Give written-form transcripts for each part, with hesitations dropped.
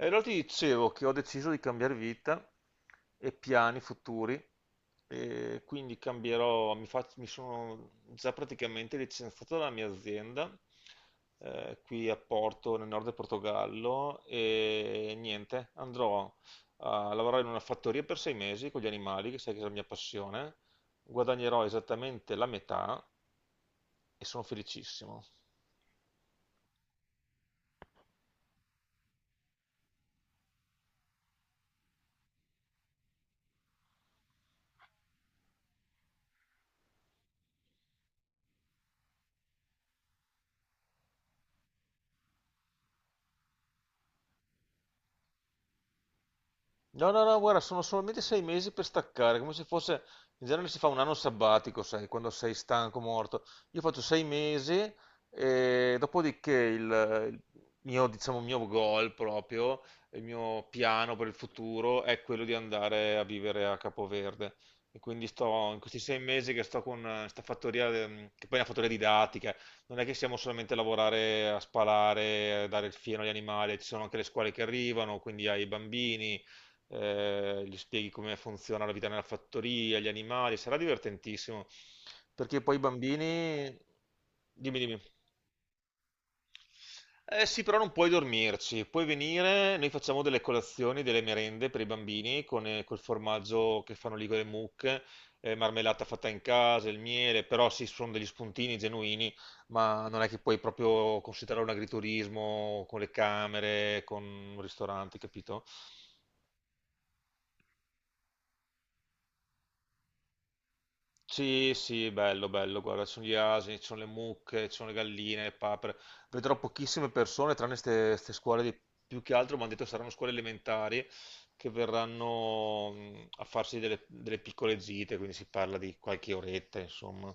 E allora ti dicevo che ho deciso di cambiare vita e piani futuri, e quindi cambierò, mi sono già praticamente licenziato dalla mia azienda, qui a Porto, nel nord del Portogallo, e niente, andrò a lavorare in una fattoria per 6 mesi con gli animali, che sai che è la mia passione, guadagnerò esattamente la metà e sono felicissimo. No, no, no, guarda, sono solamente 6 mesi per staccare, come se fosse, in genere si fa un anno sabbatico, sai, quando sei stanco, morto. Io faccio 6 mesi e dopodiché il mio, diciamo, il mio goal proprio, il mio piano per il futuro è quello di andare a vivere a Capoverde. E quindi sto, in questi 6 mesi che sto con questa fattoria, che poi è una fattoria didattica, non è che siamo solamente a lavorare, a spalare, a dare il fieno agli animali, ci sono anche le scuole che arrivano, quindi ai bambini gli spieghi come funziona la vita nella fattoria, gli animali, sarà divertentissimo. Perché poi i bambini. Dimmi, dimmi. Eh sì, però non puoi dormirci, puoi venire, noi facciamo delle colazioni, delle merende per i bambini con col formaggio che fanno lì con le mucche, marmellata fatta in casa, il miele, però sì, sono degli spuntini genuini, ma non è che puoi proprio considerare un agriturismo con le camere, con un ristorante, capito? Sì, sì, bello, bello, guarda, ci sono gli asini, ci sono le mucche, ci sono le galline, le papere. Vedrò pochissime persone, tranne queste scuole, più che altro mi hanno detto saranno scuole elementari che verranno a farsi delle piccole gite, quindi si parla di qualche oretta, insomma.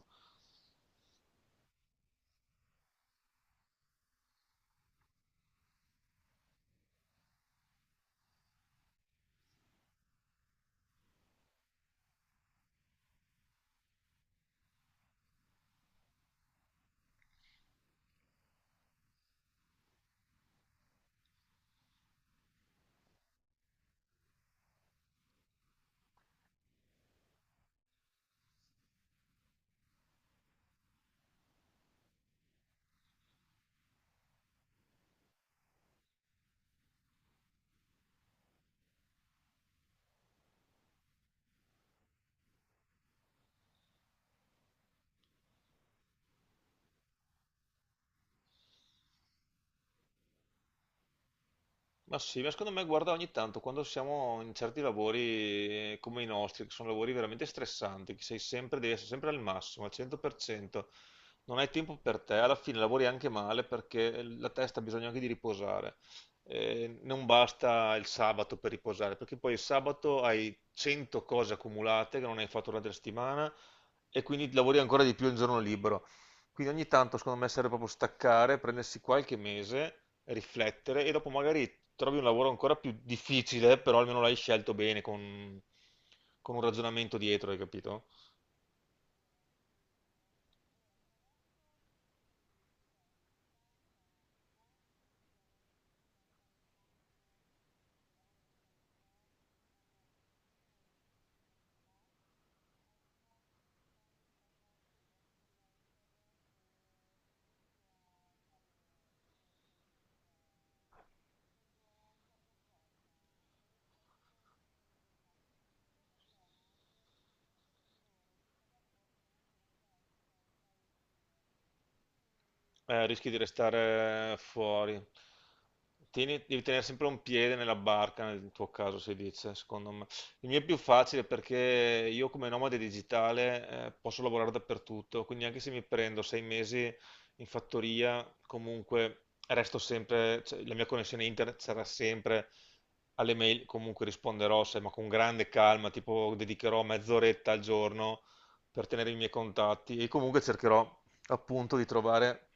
Ma sì, ma secondo me guarda ogni tanto quando siamo in certi lavori, come i nostri, che sono lavori veramente stressanti, che sei sempre, devi essere sempre al massimo, al 100%, non hai tempo per te, alla fine lavori anche male perché la testa ha bisogno anche di riposare. Non basta il sabato per riposare, perché poi il sabato hai 100 cose accumulate che non hai fatto durante la settimana e quindi lavori ancora di più il giorno libero. Quindi ogni tanto secondo me serve proprio staccare, prendersi qualche mese, riflettere e dopo magari trovi un lavoro ancora più difficile, però almeno l'hai scelto bene con un ragionamento dietro, hai capito? Rischi di restare fuori. Devi tenere sempre un piede nella barca, nel tuo caso si dice, secondo me. Il mio è più facile perché io come nomade digitale, posso lavorare dappertutto, quindi anche se mi prendo 6 mesi in fattoria, comunque resto sempre, cioè, la mia connessione internet sarà sempre alle mail, comunque risponderò, sai, ma con grande calma, tipo dedicherò mezz'oretta al giorno per tenere i miei contatti e comunque cercherò appunto di trovare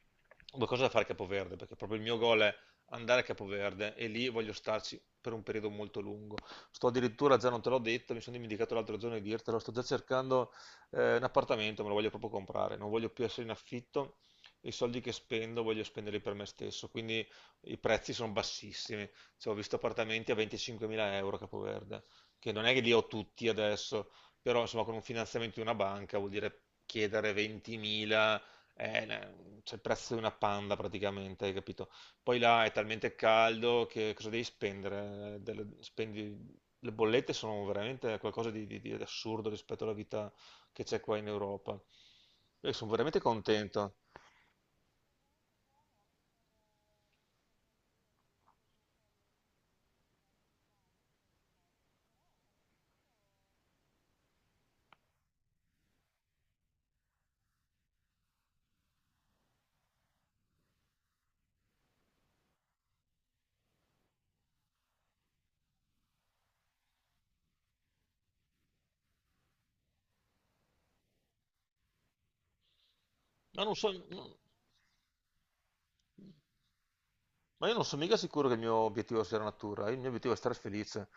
due cose da fare a Capoverde, perché proprio il mio goal è andare a Capoverde e lì voglio starci per un periodo molto lungo. Sto addirittura, già non te l'ho detto, mi sono dimenticato l'altro giorno di dirtelo, sto già cercando un appartamento, me lo voglio proprio comprare, non voglio più essere in affitto, i soldi che spendo voglio spenderli per me stesso, quindi i prezzi sono bassissimi. Cioè, ho visto appartamenti a 25.000 euro a Capoverde, che non è che li ho tutti adesso, però insomma con un finanziamento di una banca vuol dire chiedere 20.000, eh, la- c'è il prezzo di una panda praticamente, hai capito? Poi là è talmente caldo che cosa devi spendere? Le bollette sono veramente qualcosa di assurdo rispetto alla vita che c'è qua in Europa. Io sono veramente contento. No, non so. No. Ma io non sono mica sicuro che il mio obiettivo sia la natura, il mio obiettivo è stare felice,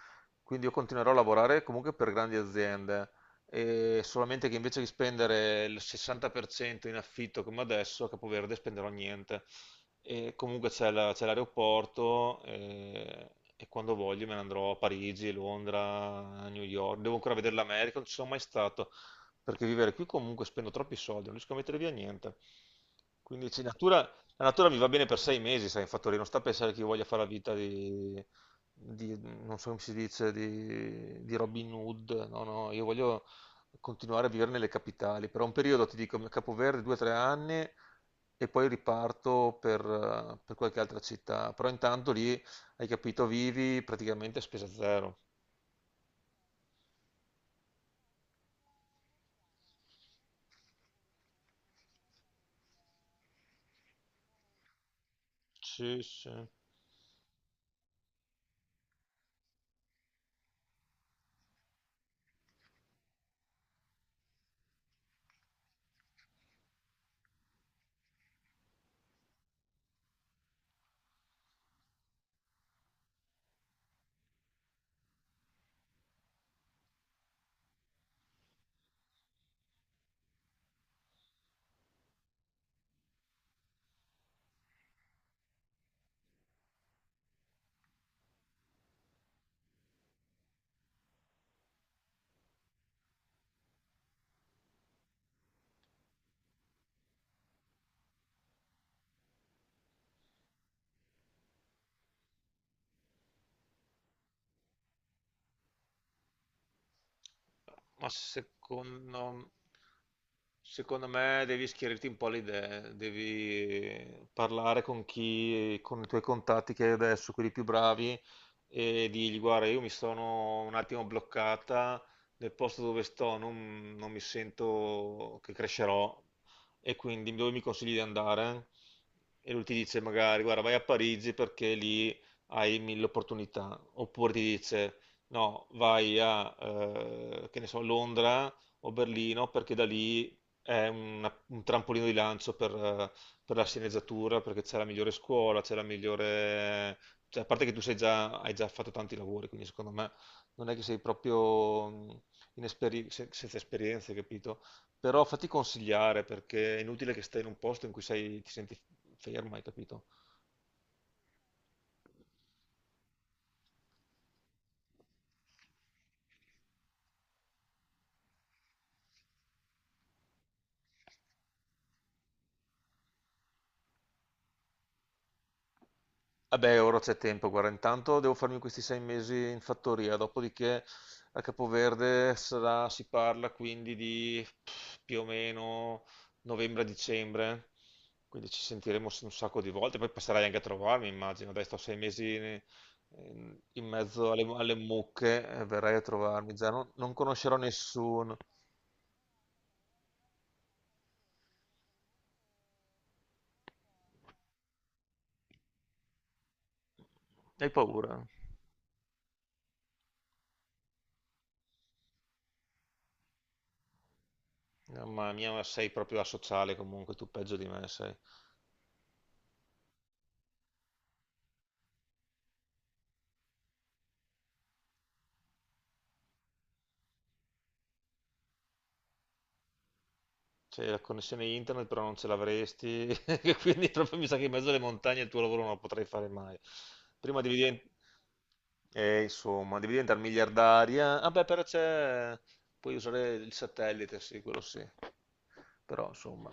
quindi io continuerò a lavorare comunque per grandi aziende, e solamente che invece di spendere il 60% in affitto come adesso, a Capoverde spenderò niente. E comunque c'è l'aeroporto, e, quando voglio, me ne andrò a Parigi, Londra, New York, devo ancora vedere l'America, non ci sono mai stato, perché vivere qui comunque spendo troppi soldi, non riesco a mettere via niente. Quindi sì, natura la natura mi va bene per 6 mesi, sai, infatti, non sta a pensare che io voglia fare la vita non so come si dice, di Robin Hood, no, no, io voglio continuare a vivere nelle capitali. Per un periodo ti dico Capoverde, 2 o 3 anni, e poi riparto per qualche altra città. Però intanto lì, hai capito, vivi praticamente a spesa zero. Sì, sì. Ma secondo me devi schierirti un po' le idee, devi parlare con chi, con i tuoi contatti che hai adesso, quelli più bravi, e dirgli: Guarda, io mi sono un attimo bloccata nel posto dove sto, non mi sento che crescerò, e quindi dove mi consigli di andare? E lui ti dice: Magari, guarda, vai a Parigi perché lì hai mille opportunità, oppure ti dice: No, vai a, che ne so, Londra o Berlino perché da lì un trampolino di lancio per la sceneggiatura, perché c'è la migliore scuola, c'è la migliore. Cioè, a parte che hai già fatto tanti lavori, quindi secondo me non è che sei proprio senza esperienze, capito? Però fatti consigliare perché è inutile che stai in un posto in cui ti senti ferma, hai capito? Vabbè, ora c'è tempo, guarda, intanto devo farmi questi 6 mesi in fattoria, dopodiché a Capoverde si parla quindi di più o meno novembre-dicembre, quindi ci sentiremo un sacco di volte, poi passerai anche a trovarmi, immagino, dai, sto 6 mesi in mezzo alle mucche, verrai a trovarmi, già non conoscerò nessuno. Hai paura? Mamma mia, ma sei proprio asociale comunque, tu peggio di me sei. Cioè, la connessione internet però non ce l'avresti, quindi proprio mi sa che in mezzo alle montagne il tuo lavoro non lo potrei fare mai. Prima devi diventare, insomma, devi diventare miliardaria. Vabbè, però c'è. Puoi usare il satellite, sì, quello sì. Però, insomma,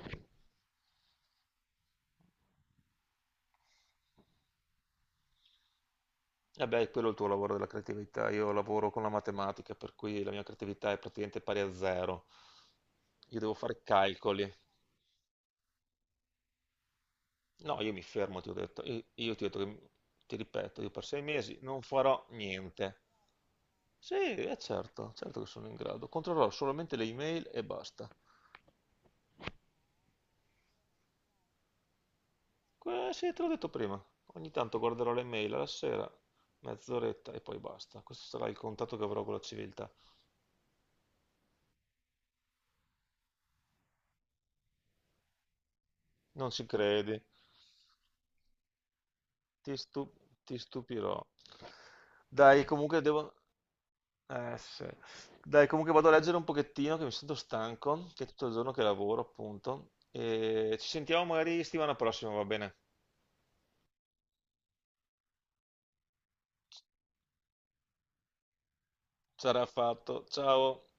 vabbè, quello è il tuo lavoro della creatività. Io lavoro con la matematica, per cui la mia creatività è praticamente pari a zero. Io devo fare calcoli. No, io mi fermo, ti ho detto, io ti ho detto ti ripeto, io per 6 mesi non farò niente. Sì, è certo, certo che sono in grado. Controllerò solamente le email e basta. Sì, te l'ho detto prima. Ogni tanto guarderò le mail alla sera, mezz'oretta e poi basta. Questo sarà il contatto che avrò con la civiltà. Non ci credi? Ti stu- ti stupirò. Dai, comunque devo. Sì. Dai, comunque vado a leggere un pochettino che mi sento stanco, che è tutto il giorno che lavoro, appunto. E ci sentiamo magari settimana prossima, va bene? Sarà fatto. Ciao.